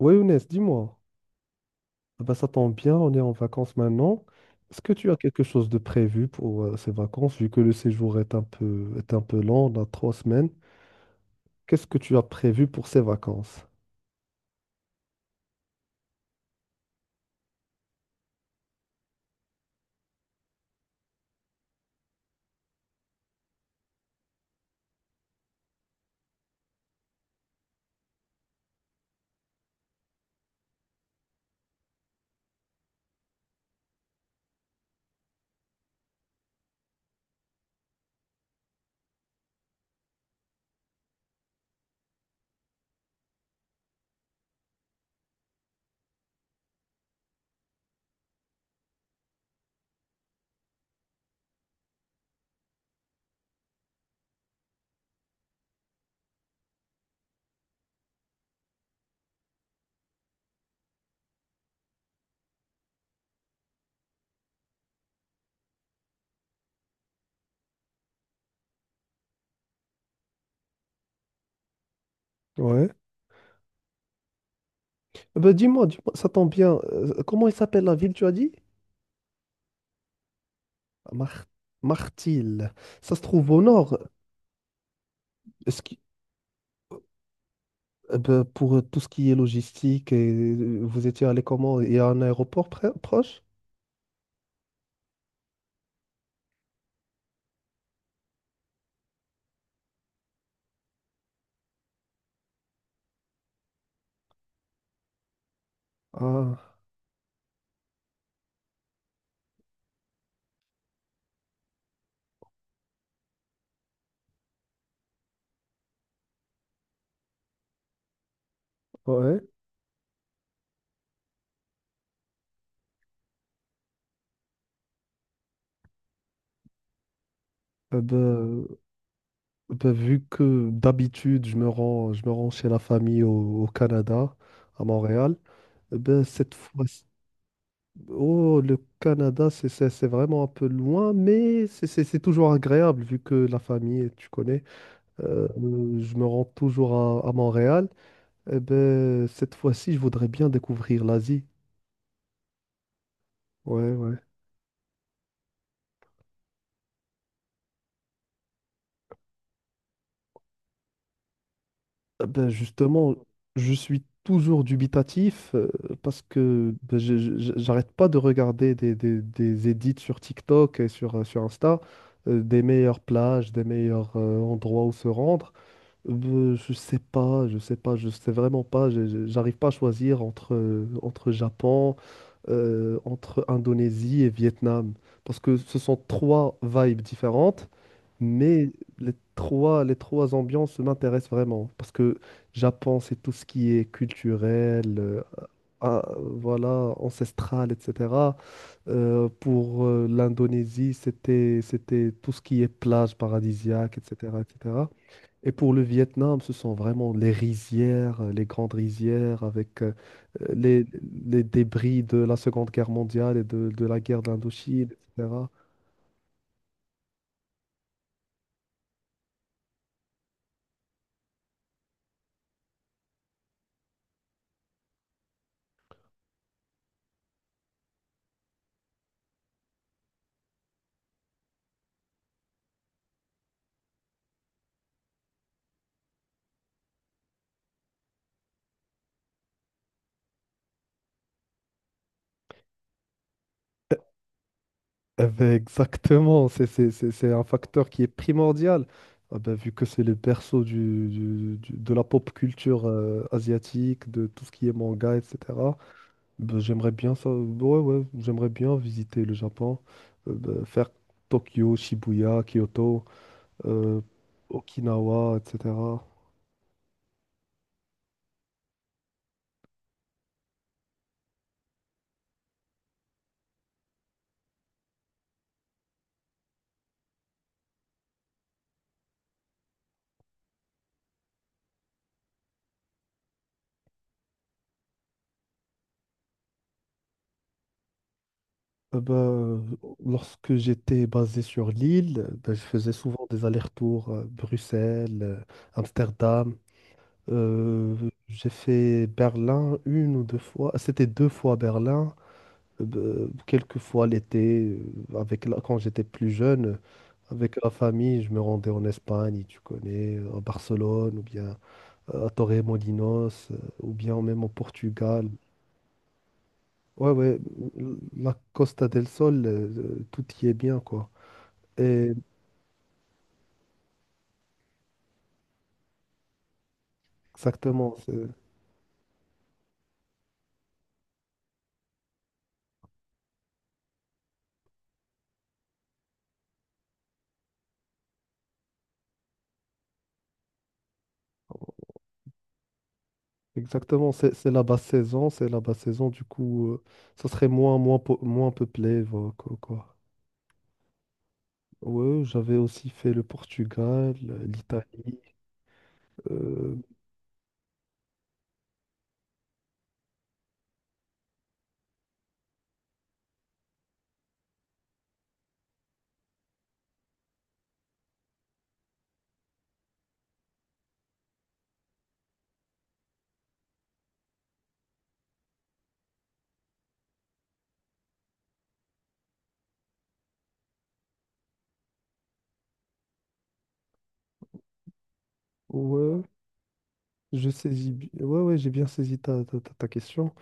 Oui, Younes, dis-moi. Ah bah, ça tombe bien, on est en vacances maintenant. Est-ce que tu as quelque chose de prévu pour ces vacances, vu que le séjour est un peu long, on a 3 semaines? Qu'est-ce que tu as prévu pour ces vacances? Ouais. Ah bah, dis-moi, dis-moi, ça tombe bien. Comment il s'appelle la ville, tu as dit? Mar- Martil. Ça se trouve au nord. Est-ce qu'- ben, pour tout ce qui est logistique, et vous étiez allé comment? Il y a un aéroport proche? Ah, ouais. Euh, ben, ben, vu que d'habitude, je me rends chez la famille au Canada, à Montréal, ben, cette fois. Oh, le Canada, c'est vraiment un peu loin, mais c'est toujours agréable vu que la famille, tu connais, je me rends toujours à Montréal. Eh ben, cette fois-ci, je voudrais bien découvrir l'Asie. Ouais, ouais. Eh ben, justement, je suis toujours dubitatif parce que ben, j'arrête pas de regarder des edits sur TikTok et sur Insta, des meilleures plages, des meilleurs endroits où se rendre. Je sais pas, je sais vraiment pas. J'arrive pas à choisir entre Japon, entre Indonésie et Vietnam. Parce que ce sont trois vibes différentes, mais les trois ambiances m'intéressent vraiment. Parce que Japon, c'est tout ce qui est culturel, ah, voilà, ancestral, etc. Pour l'Indonésie, c'était tout ce qui est plage paradisiaque, etc., etc. Et pour le Vietnam, ce sont vraiment les rizières, les grandes rizières avec les, les débris de la Seconde Guerre mondiale et de la guerre d'Indochine, etc. Eh eh ben, exactement, c'est un facteur qui est primordial. Ah ben, vu que c'est le berceau de la pop culture asiatique, de tout ce qui est manga, etc. Ben, j'aimerais bien ça, ouais, ouais, j'aimerais bien visiter le Japon, ben, faire Tokyo, Shibuya, Kyoto. euh, Okinawa, etc. Ben, lorsque j'étais basé sur l'île, ben, je faisais souvent des allers-retours Bruxelles, Amsterdam. Euh, j'ai fait Berlin une ou deux fois. C'était deux fois Berlin, ben, quelques fois l'été, avec quand j'étais plus jeune. Avec la famille, je me rendais en Espagne, tu connais, à Barcelone, ou bien à Torremolinos, ou bien même au Portugal. Ouais, ouais, la Costa del Sol, tout y est bien, quoi. Et exactement, exactement, c'est la basse saison, c'est la basse saison, du coup, ça serait moins, moins peuplé, voilà, quoi, quoi. Ouais, j'avais aussi fait le Portugal, l'Italie. euh, ouais, je saisis, ouais, ouais, j'ai bien saisi ta, ta, ta question.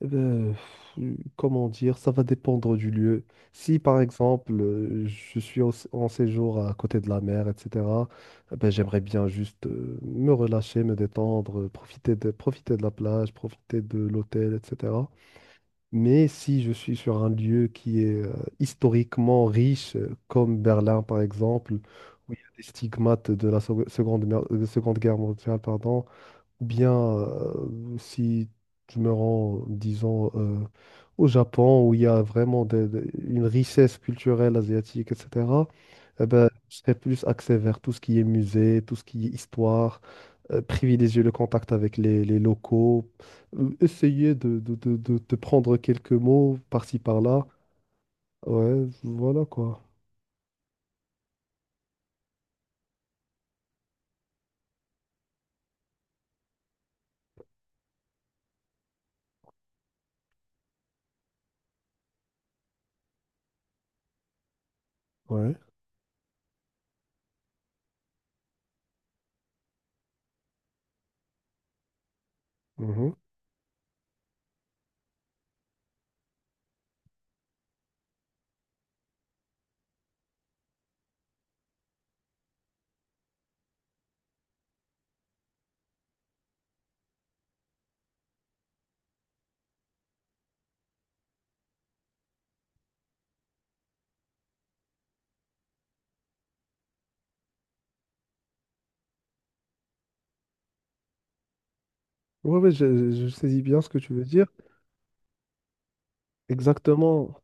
Eh ben, pff, comment dire, ça va dépendre du lieu. Si par exemple je suis en séjour à côté de la mer, etc., eh ben, j'aimerais bien juste me relâcher, me détendre, profiter profiter de la plage, profiter de l'hôtel, etc. Mais si je suis sur un lieu qui est historiquement riche, comme Berlin par exemple, où il y a des stigmates de la seconde, de Seconde Guerre mondiale, pardon, ou bien, si je me rends, disons, au Japon, où il y a vraiment une richesse culturelle asiatique, etc., eh ben, je serais plus axé vers tout ce qui est musée, tout ce qui est histoire, privilégier le contact avec les locaux, essayer de prendre quelques mots par-ci, par-là. Ouais, voilà quoi. Ouais. Mhm. Ouais, ouais, je saisis bien ce que tu veux dire. Exactement.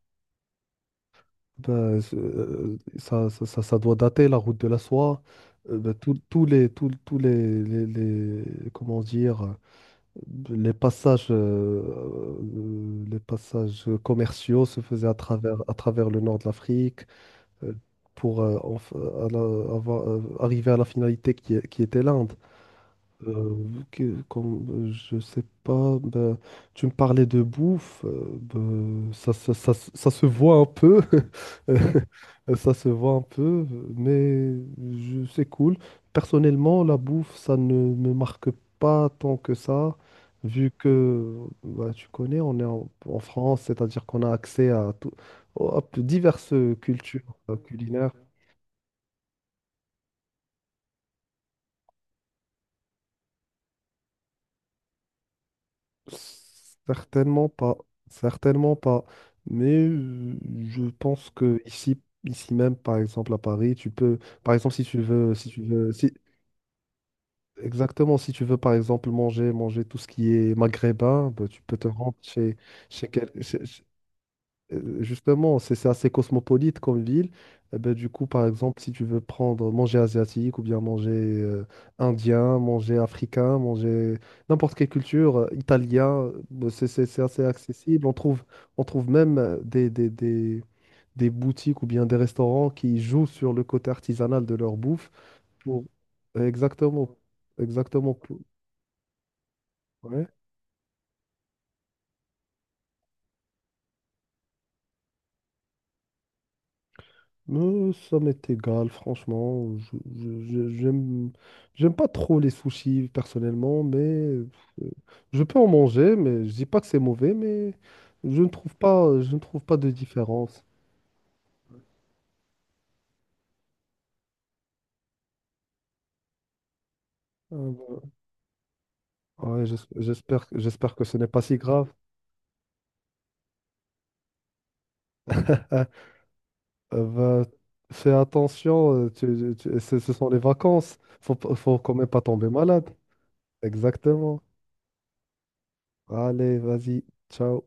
Ben, ça, ça doit dater, la route de la soie. Ben, tous, tous les- comment dire, les passages, euh, les passages commerciaux se faisaient à travers le nord de l'Afrique euh, pour arriver à la finalité qui était l'Inde. Euh, que comme je sais pas, ben, tu me parlais de bouffe, ben, ça se voit un peu. Ça se voit un peu, mais c'est cool. Personnellement, la bouffe, ça ne me marque pas tant que ça, vu que bah, tu connais, on est en France, c'est-à-dire qu'on a accès à, tout, à diverses cultures culinaires. Certainement pas, certainement pas. Mais je pense que ici, ici même, par exemple à Paris, tu peux, par exemple, si tu veux, si tu veux, si- exactement, si tu veux, par exemple, manger tout ce qui est maghrébin, bah, tu peux te rendre chez, chez, quel- chez- chez justement, c'est assez cosmopolite comme ville. Eh ben, du coup, par exemple, si tu veux prendre manger asiatique ou bien manger indien, manger africain, manger n'importe quelle culture, italien, bah, c'est assez accessible. On trouve même des boutiques ou bien des restaurants qui jouent sur le côté artisanal de leur bouffe pour. Exactement, exactement. Ouais. Ça m'est égal, franchement. J'aime pas trop les sushis personnellement, mais je peux en manger, mais je dis pas que c'est mauvais, mais je ne trouve pas de différence. Euh, ouais, ouais, j'espère que ce n'est pas si grave. Euh, bah, fais attention, ce sont les vacances. Faut quand même pas tomber malade. Exactement. Allez, vas-y, ciao.